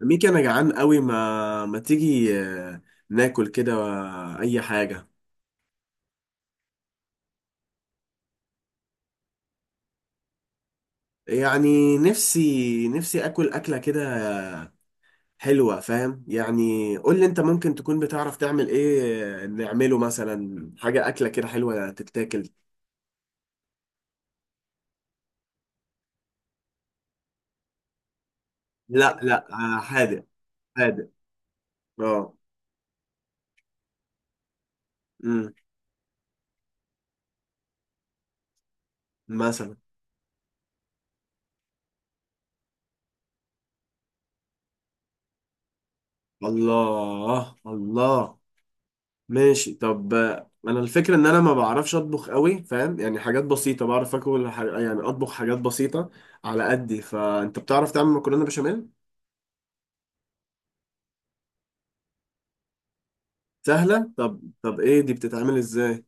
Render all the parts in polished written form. ميكي، انا جعان قوي، ما تيجي ناكل كده اي حاجه. يعني نفسي اكل اكله كده حلوه، فاهم؟ يعني قول لي انت ممكن تكون بتعرف تعمل ايه، نعمله مثلا حاجه اكله كده حلوه تتاكل. لا لا، حادق حادق. اه. امم مثلا. الله الله. ماشي طب، انا الفكره ان انا ما بعرفش اطبخ قوي، فاهم؟ يعني حاجات بسيطه بعرف اكل يعني اطبخ حاجات بسيطه على قدي. فانت بتعرف تعمل مكرونه بشاميل؟ سهله؟ طب ايه دي بتتعمل ازاي؟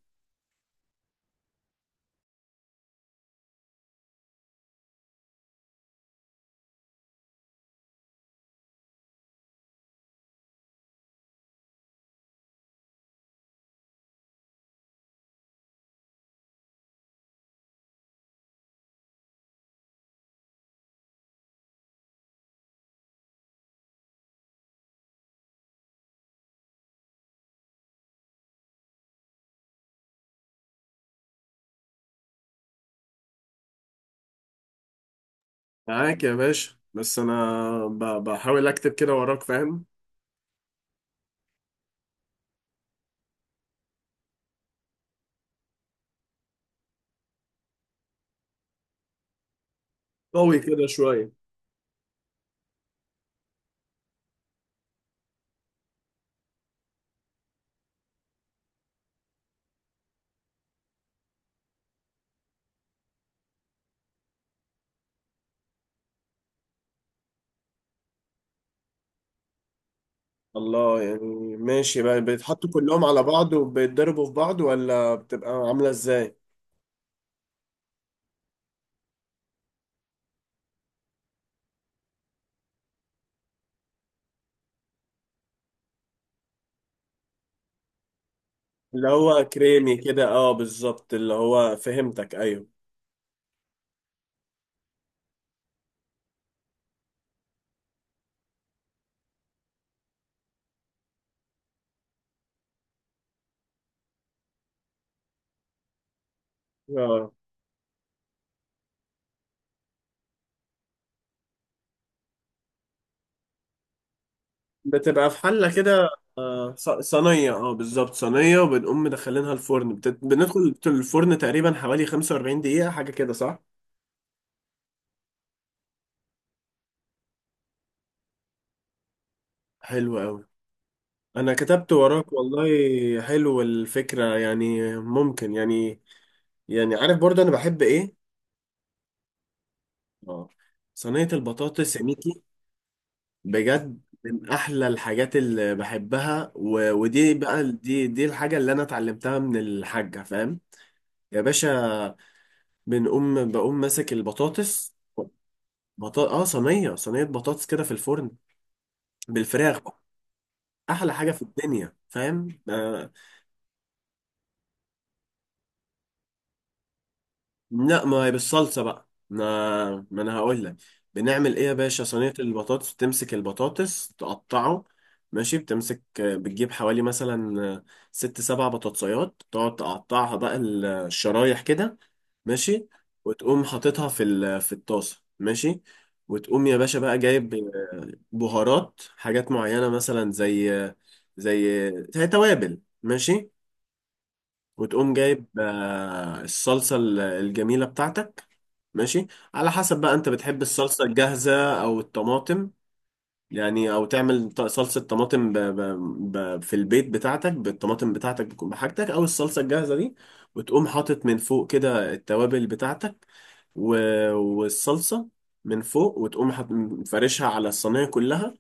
معاك يا باشا، بس انا بحاول اكتب كده وراك، فاهم. قوي كده شويه. الله، يعني ماشي بقى بيتحطوا كلهم على بعض وبيتضربوا في بعض، ولا بتبقى عامله ازاي؟ اللي هو كريمي كده، اه بالظبط، اللي هو فهمتك، ايوه اه. بتبقى في حلة كده. صينية اه بالظبط صينية، وبنقوم مدخلينها الفرن، بندخل الفرن تقريبا حوالي 45 دقيقة حاجة كده صح؟ حلو أوي، أنا كتبت وراك والله. حلو الفكرة، يعني ممكن. يعني عارف برضه أنا بحب إيه؟ اه. صينية البطاطس يا ميكي، بجد من أحلى الحاجات اللي بحبها ودي بقى دي الحاجة اللي أنا اتعلمتها من الحاجة، فاهم؟ يا باشا، بقوم ماسك البطاطس. اه صينيه بطاطس كده في الفرن. بالفراخ بقى. احلى حاجه في الدنيا، فاهم. لا ما هي بالصلصه بقى، ما انا هقول لك. بنعمل ايه يا باشا، صينيه البطاطس، بتمسك البطاطس تقطعه. ماشي، بتمسك، بتجيب حوالي مثلا ست سبع بطاطسيات تقعد تقطعها بقى الشرايح كده. ماشي، وتقوم حاططها في في الطاسه، ماشي. وتقوم يا باشا بقى جايب بهارات حاجات معينة، مثلا زي توابل، ماشي. وتقوم جايب الصلصة الجميلة بتاعتك، ماشي. على حسب بقى، انت بتحب الصلصة الجاهزة او الطماطم. يعني او تعمل صلصة طماطم في البيت بتاعتك بالطماطم بتاعتك بكون بحاجتك، او الصلصة الجاهزة دي. وتقوم حاطط من فوق كده التوابل بتاعتك و... والصلصة من فوق. وتقوم مفرشها على الصينية كلها.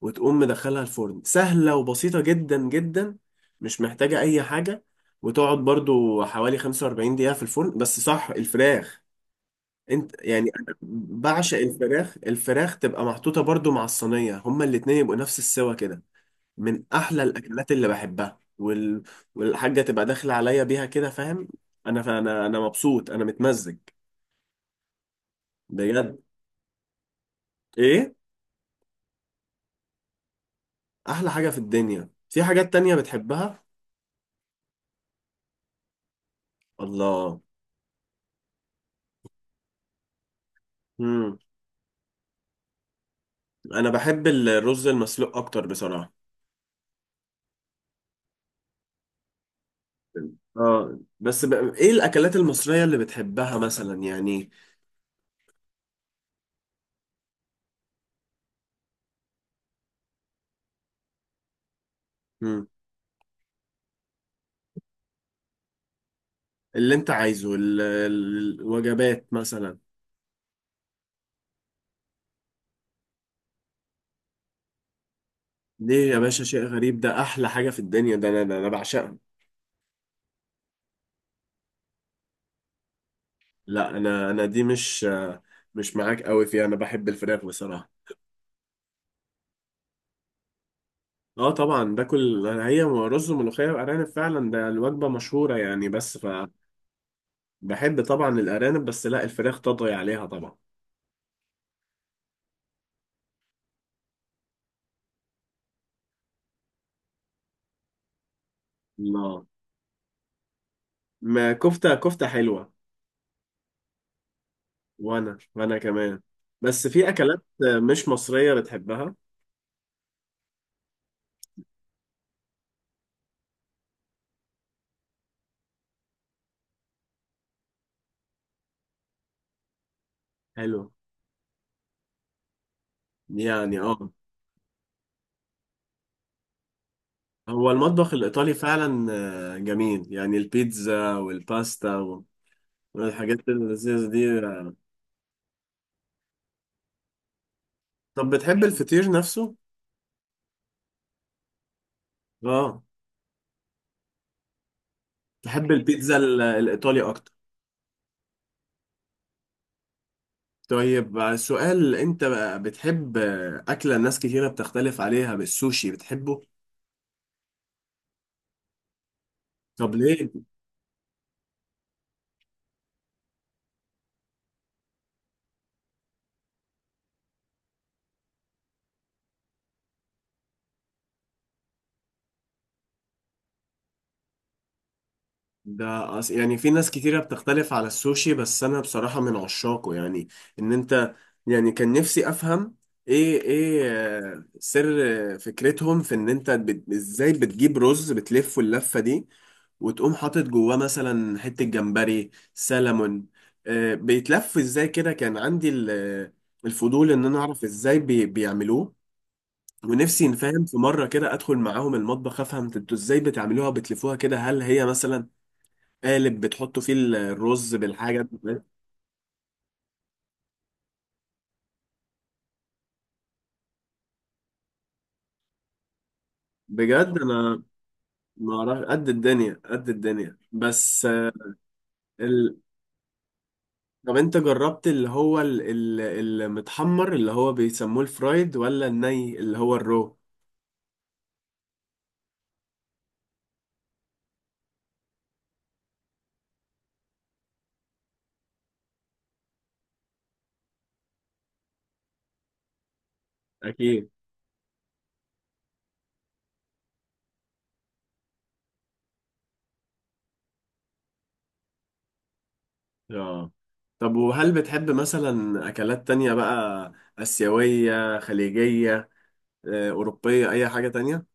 وتقوم مدخلها الفرن، سهلة وبسيطة جدا جدا، مش محتاجة أي حاجة. وتقعد برضو حوالي 45 دقيقة في الفرن، بس صح الفراخ. انت يعني أنا بعشق الفراخ. الفراخ تبقى محطوطة برضو مع الصينية، هما الاتنين يبقوا نفس السوا كده. من أحلى الأكلات اللي بحبها والحاجة تبقى داخلة عليا بيها كده، فاهم. أنا مبسوط، أنا متمزج بجد. إيه أحلى حاجة في الدنيا؟ في حاجات تانية بتحبها؟ الله. مم. انا بحب الرز المسلوق اكتر بصراحه. اه بس، ايه الاكلات المصريه اللي بتحبها مثلا يعني؟ مم. اللي انت عايزه الوجبات مثلا. ليه يا باشا شيء غريب؟ ده احلى حاجه في الدنيا، ده انا بعشقها. لا، انا دي مش معاك قوي فيها، انا بحب الفراخ بصراحه. اه طبعا، باكل هي رز وملوخيه وارانب فعلا، ده الوجبه مشهوره يعني بس. فبحب طبعا الارانب، بس لا الفراخ تطغي عليها طبعا. الله، ما كفته كفته حلوه. وانا كمان. بس في اكلات مش مصرية بتحبها. حلو يعني، اه هو المطبخ الايطالي فعلا جميل، يعني البيتزا والباستا والحاجات اللذيذة دي. طب بتحب الفطير نفسه؟ اه. بحب البيتزا الايطالي اكتر. طيب سؤال، انت بقى بتحب اكلة ناس كتيرة بتختلف عليها، بالسوشي بتحبه؟ طب ليه؟ ده يعني في ناس كتيرة بتختلف على السوشي، بس أنا بصراحة من عشاقه يعني. إن أنت، يعني كان نفسي أفهم إيه سر فكرتهم، في إن أنت إزاي بتجيب رز بتلفه اللفة دي. وتقوم حاطط جواه مثلا حتة جمبري سلمون، بيتلف إزاي كده، كان عندي الفضول إن أنا أعرف إزاي بيعملوه. ونفسي نفهم في مرة كده أدخل معاهم المطبخ، أفهم أنتوا إزاي بتعملوها بتلفوها كده، هل هي مثلا قالب بتحطوا فيه الرز بالحاجة. بجد أنا، ما أعرف قد الدنيا قد الدنيا بس. ال... طب أنت جربت اللي هو ال... المتحمر اللي هو بيسموه الفرايد، ولا الني اللي هو الرو؟ أكيد، آه. طب وهل بتحب مثلا أكلات تانية بقى، آسيوية خليجية أوروبية أي حاجة تانية؟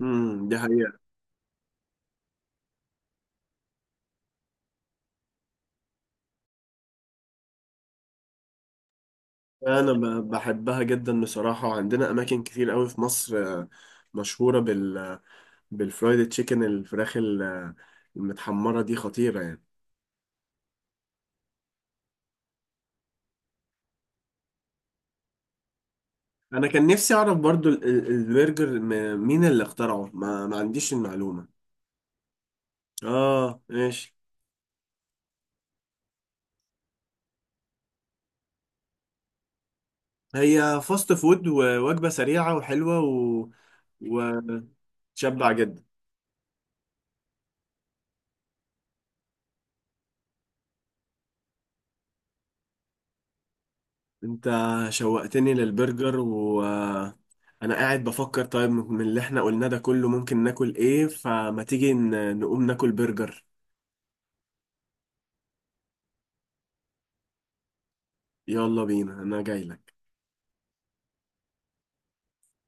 دي حقيقة. أنا بحبها جدا بصراحة، وعندنا أماكن كتير قوي في مصر مشهورة بالفرايد تشيكن، الفراخ المتحمرة دي خطيرة يعني. أنا كان نفسي أعرف برضو البرجر مين اللي اخترعه، ما عنديش المعلومة. آه ماشي. هي فاست فود ووجبة سريعة وحلوة وتشبع جدا. أنت شوقتني للبرجر، و أنا قاعد بفكر، طيب من اللي احنا قلناه ده كله ممكن ناكل ايه؟ فما تيجي نقوم ناكل برجر. يلا بينا، أنا جايلك.